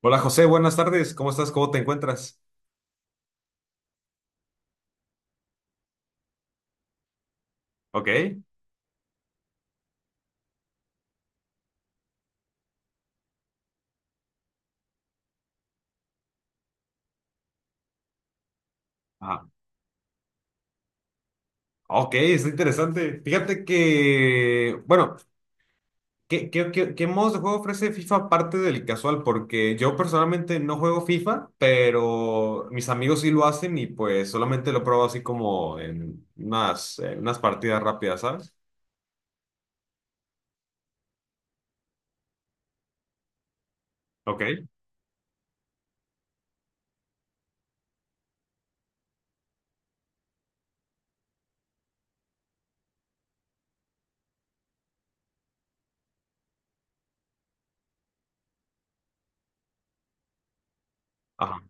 Hola José, buenas tardes. ¿Cómo estás? ¿Cómo te encuentras? Ok. Ah, ok, está interesante. Fíjate que, bueno, ¿qué modos de juego ofrece FIFA aparte del casual? Porque yo personalmente no juego FIFA, pero mis amigos sí lo hacen y pues solamente lo pruebo así como en unas partidas rápidas, ¿sabes? Ok. Ajá,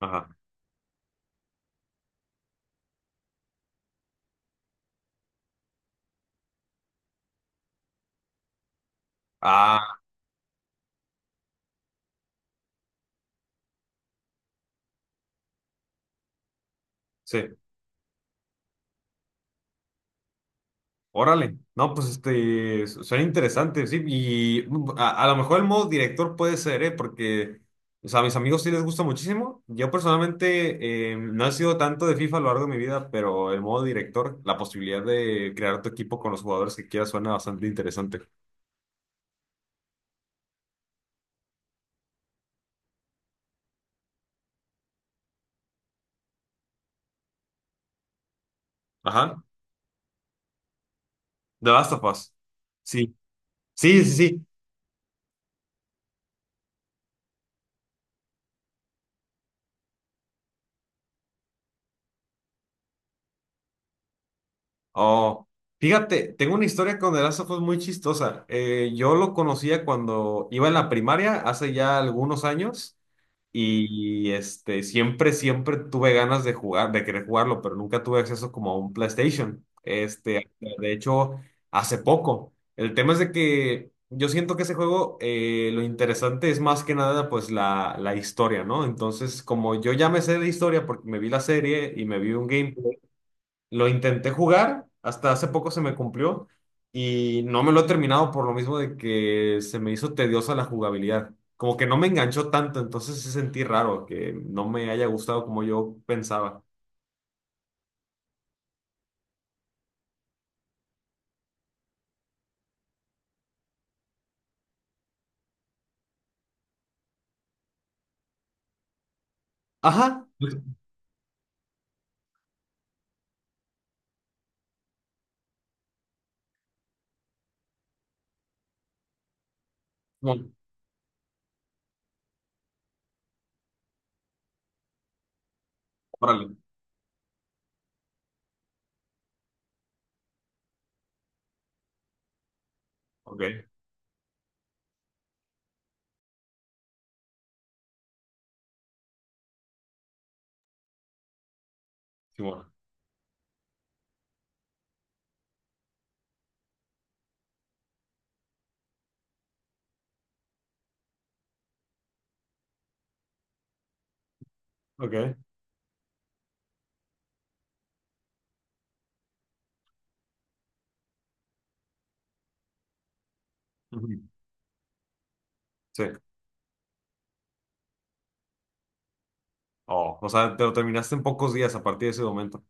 ajá. Ah, sí. Órale, no, pues este, suena interesante, sí, y a lo mejor el modo director puede ser, ¿eh? Porque, o sea, a mis amigos sí les gusta muchísimo. Yo personalmente no he sido tanto de FIFA a lo largo de mi vida, pero el modo director, la posibilidad de crear tu equipo con los jugadores que quieras suena bastante interesante. Ajá, The Last of Us. Sí, sí, sí, sí. Oh, fíjate, tengo una historia con The Last of Us muy chistosa. Yo lo conocía cuando iba en la primaria, hace ya algunos años. Y este, siempre tuve ganas de jugar, de querer jugarlo, pero nunca tuve acceso como a un PlayStation. Este, de hecho, hace poco. El tema es de que yo siento que ese juego, lo interesante es más que nada, pues, la historia, ¿no? Entonces, como yo ya me sé de historia porque me vi la serie y me vi un gameplay lo intenté jugar, hasta hace poco se me cumplió y no me lo he terminado por lo mismo de que se me hizo tediosa la jugabilidad. Como que no me enganchó tanto, entonces sí sentí raro que no me haya gustado como yo pensaba. Ajá. Simón, órale. Ok, Simón. Ok. Ujú. Sí. Oh, o sea, te lo terminaste en pocos días a partir de ese momento.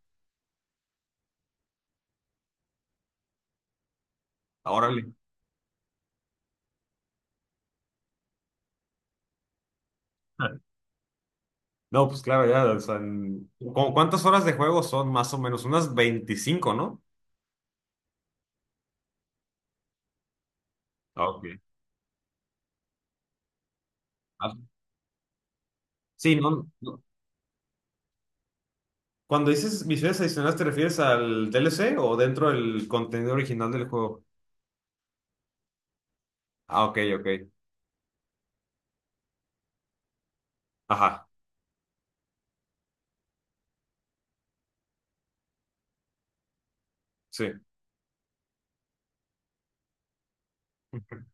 Ah, órale. No, pues claro, ya, o sea, ¿cómo cuántas horas de juego son más o menos? Unas 25, ¿no? Ah, ok. Ah, sí, no. no, cuando dices misiones adicionales, ¿te refieres al DLC o dentro del contenido original del juego? Ah, ok, ok. Ajá, sí. Ujú.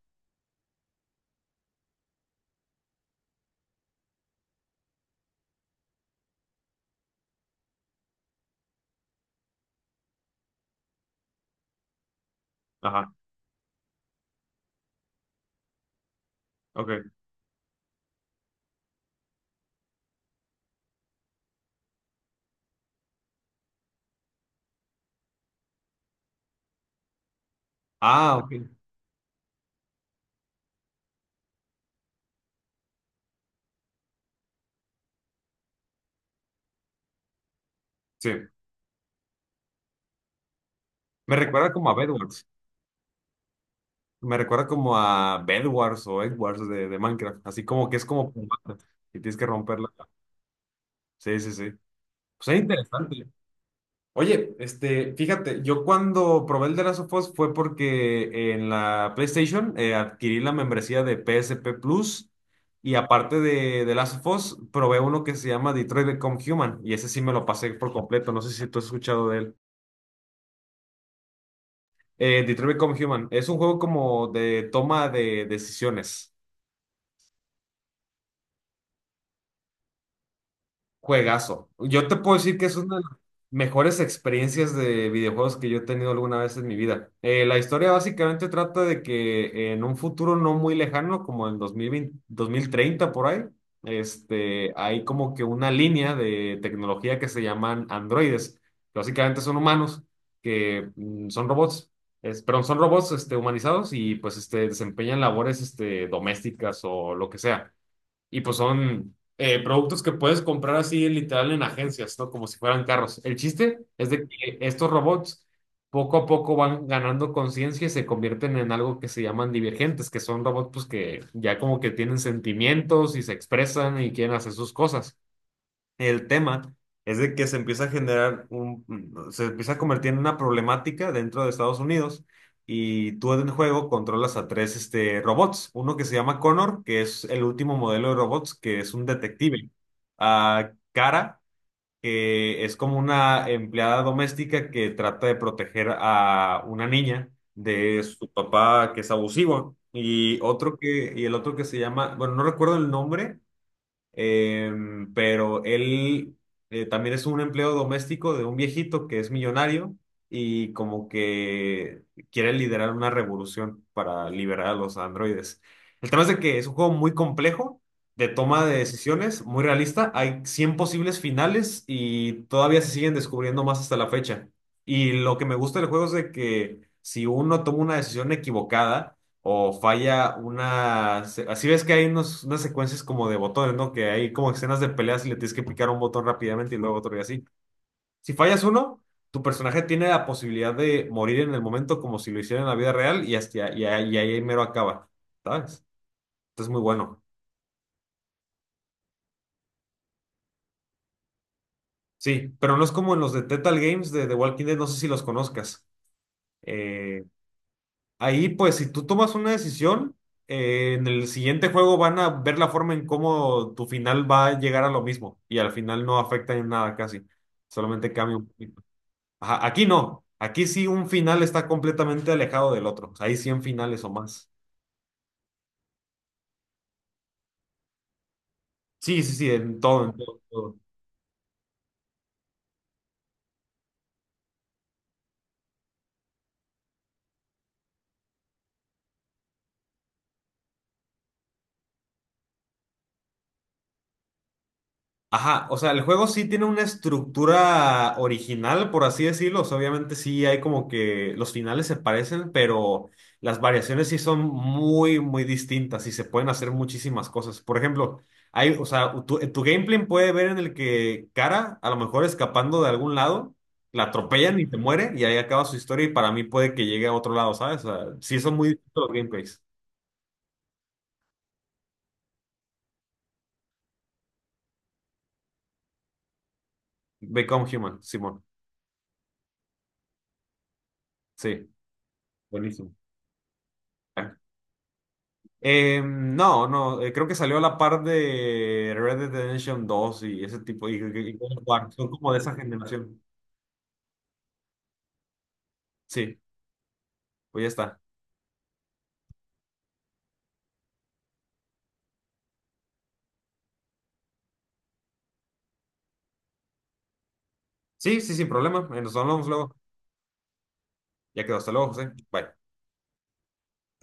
Ajá, ok. Ah, ok. Sí. Me recuerda como a Bedwars. Me recuerda como a Bedwars o Edwards de Minecraft. Así como que es como por bandas, y tienes que romperla. Sí, sí, sí. Pues es interesante. Oye, este, fíjate, yo cuando probé el de Last of Us fue porque en la PlayStation adquirí la membresía de PSP Plus y aparte de Last of Us probé uno que se llama Detroit Become Human y ese sí me lo pasé por completo, no sé si tú has escuchado de él. Detroit Become Human es un juego como de toma de decisiones. Juegazo. Yo te puedo decir que es una de las mejores experiencias de videojuegos que yo he tenido alguna vez en mi vida. La historia básicamente trata de que en un futuro no muy lejano, como en 2020, 2030 por ahí, este, hay como que una línea de tecnología que se llaman androides, que básicamente son humanos, que son robots, perdón, son robots este, humanizados y pues este, desempeñan labores este, domésticas o lo que sea. Y pues son productos que puedes comprar así literal en agencias, ¿no? Como si fueran carros. El chiste es de que estos robots poco a poco van ganando conciencia y se convierten en algo que se llaman divergentes, que son robots pues que ya como que tienen sentimientos y se expresan y quieren hacer sus cosas. El tema es de que se empieza a generar un, se empieza a convertir en una problemática dentro de Estados Unidos y tú en el juego controlas a tres este, robots. Uno que se llama Connor, que es el último modelo de robots, que es un detective. A Cara, que es como una empleada doméstica que trata de proteger a una niña de su papá que es abusivo. Y el otro que se llama, bueno, no recuerdo el nombre. Pero él también es un empleo doméstico de un viejito que es millonario y como que quiere liderar una revolución para liberar a los androides. El tema es de que es un juego muy complejo, de toma de decisiones, muy realista. Hay 100 posibles finales y todavía se siguen descubriendo más hasta la fecha. Y lo que me gusta del juego es de que si uno toma una decisión equivocada, o falla una... Así ves que hay unos, unas secuencias como de botones, ¿no? Que hay como escenas de peleas y le tienes que picar un botón rápidamente y luego otro y así. Si fallas uno, tu personaje tiene la posibilidad de morir en el momento como si lo hiciera en la vida real y, y ahí mero acaba, ¿sabes? Entonces muy bueno. Sí, pero no es como en los de Telltale Games de The Walking Dead, no sé si los conozcas. eh, Ahí, pues, si tú tomas una decisión, en el siguiente juego van a ver la forma en cómo tu final va a llegar a lo mismo y al final no afecta en nada casi, solamente cambia un poquito. Ajá, aquí no, aquí sí un final está completamente alejado del otro, hay 100 finales o más. Sí, sí, sí, en todo, todo. Ajá, o sea, el juego sí tiene una estructura original, por así decirlo. O sea, obviamente sí hay como que los finales se parecen, pero las variaciones sí son muy, muy distintas y se pueden hacer muchísimas cosas. Por ejemplo, hay, o sea, tu gameplay puede ver en el que Cara, a lo mejor escapando de algún lado, la atropellan y te muere y ahí acaba su historia y para mí puede que llegue a otro lado, ¿sabes? O sea, sí son muy distintos los gameplays. Become Human, Simón. Sí, buenísimo. No, no, creo que salió a la par de Red Dead Redemption 2 y ese tipo, y God of War, son como de esa generación. Sí, pues ya está. Sí, sí, sin problema. Nos hablamos luego. Ya quedó, hasta luego, José. Bye.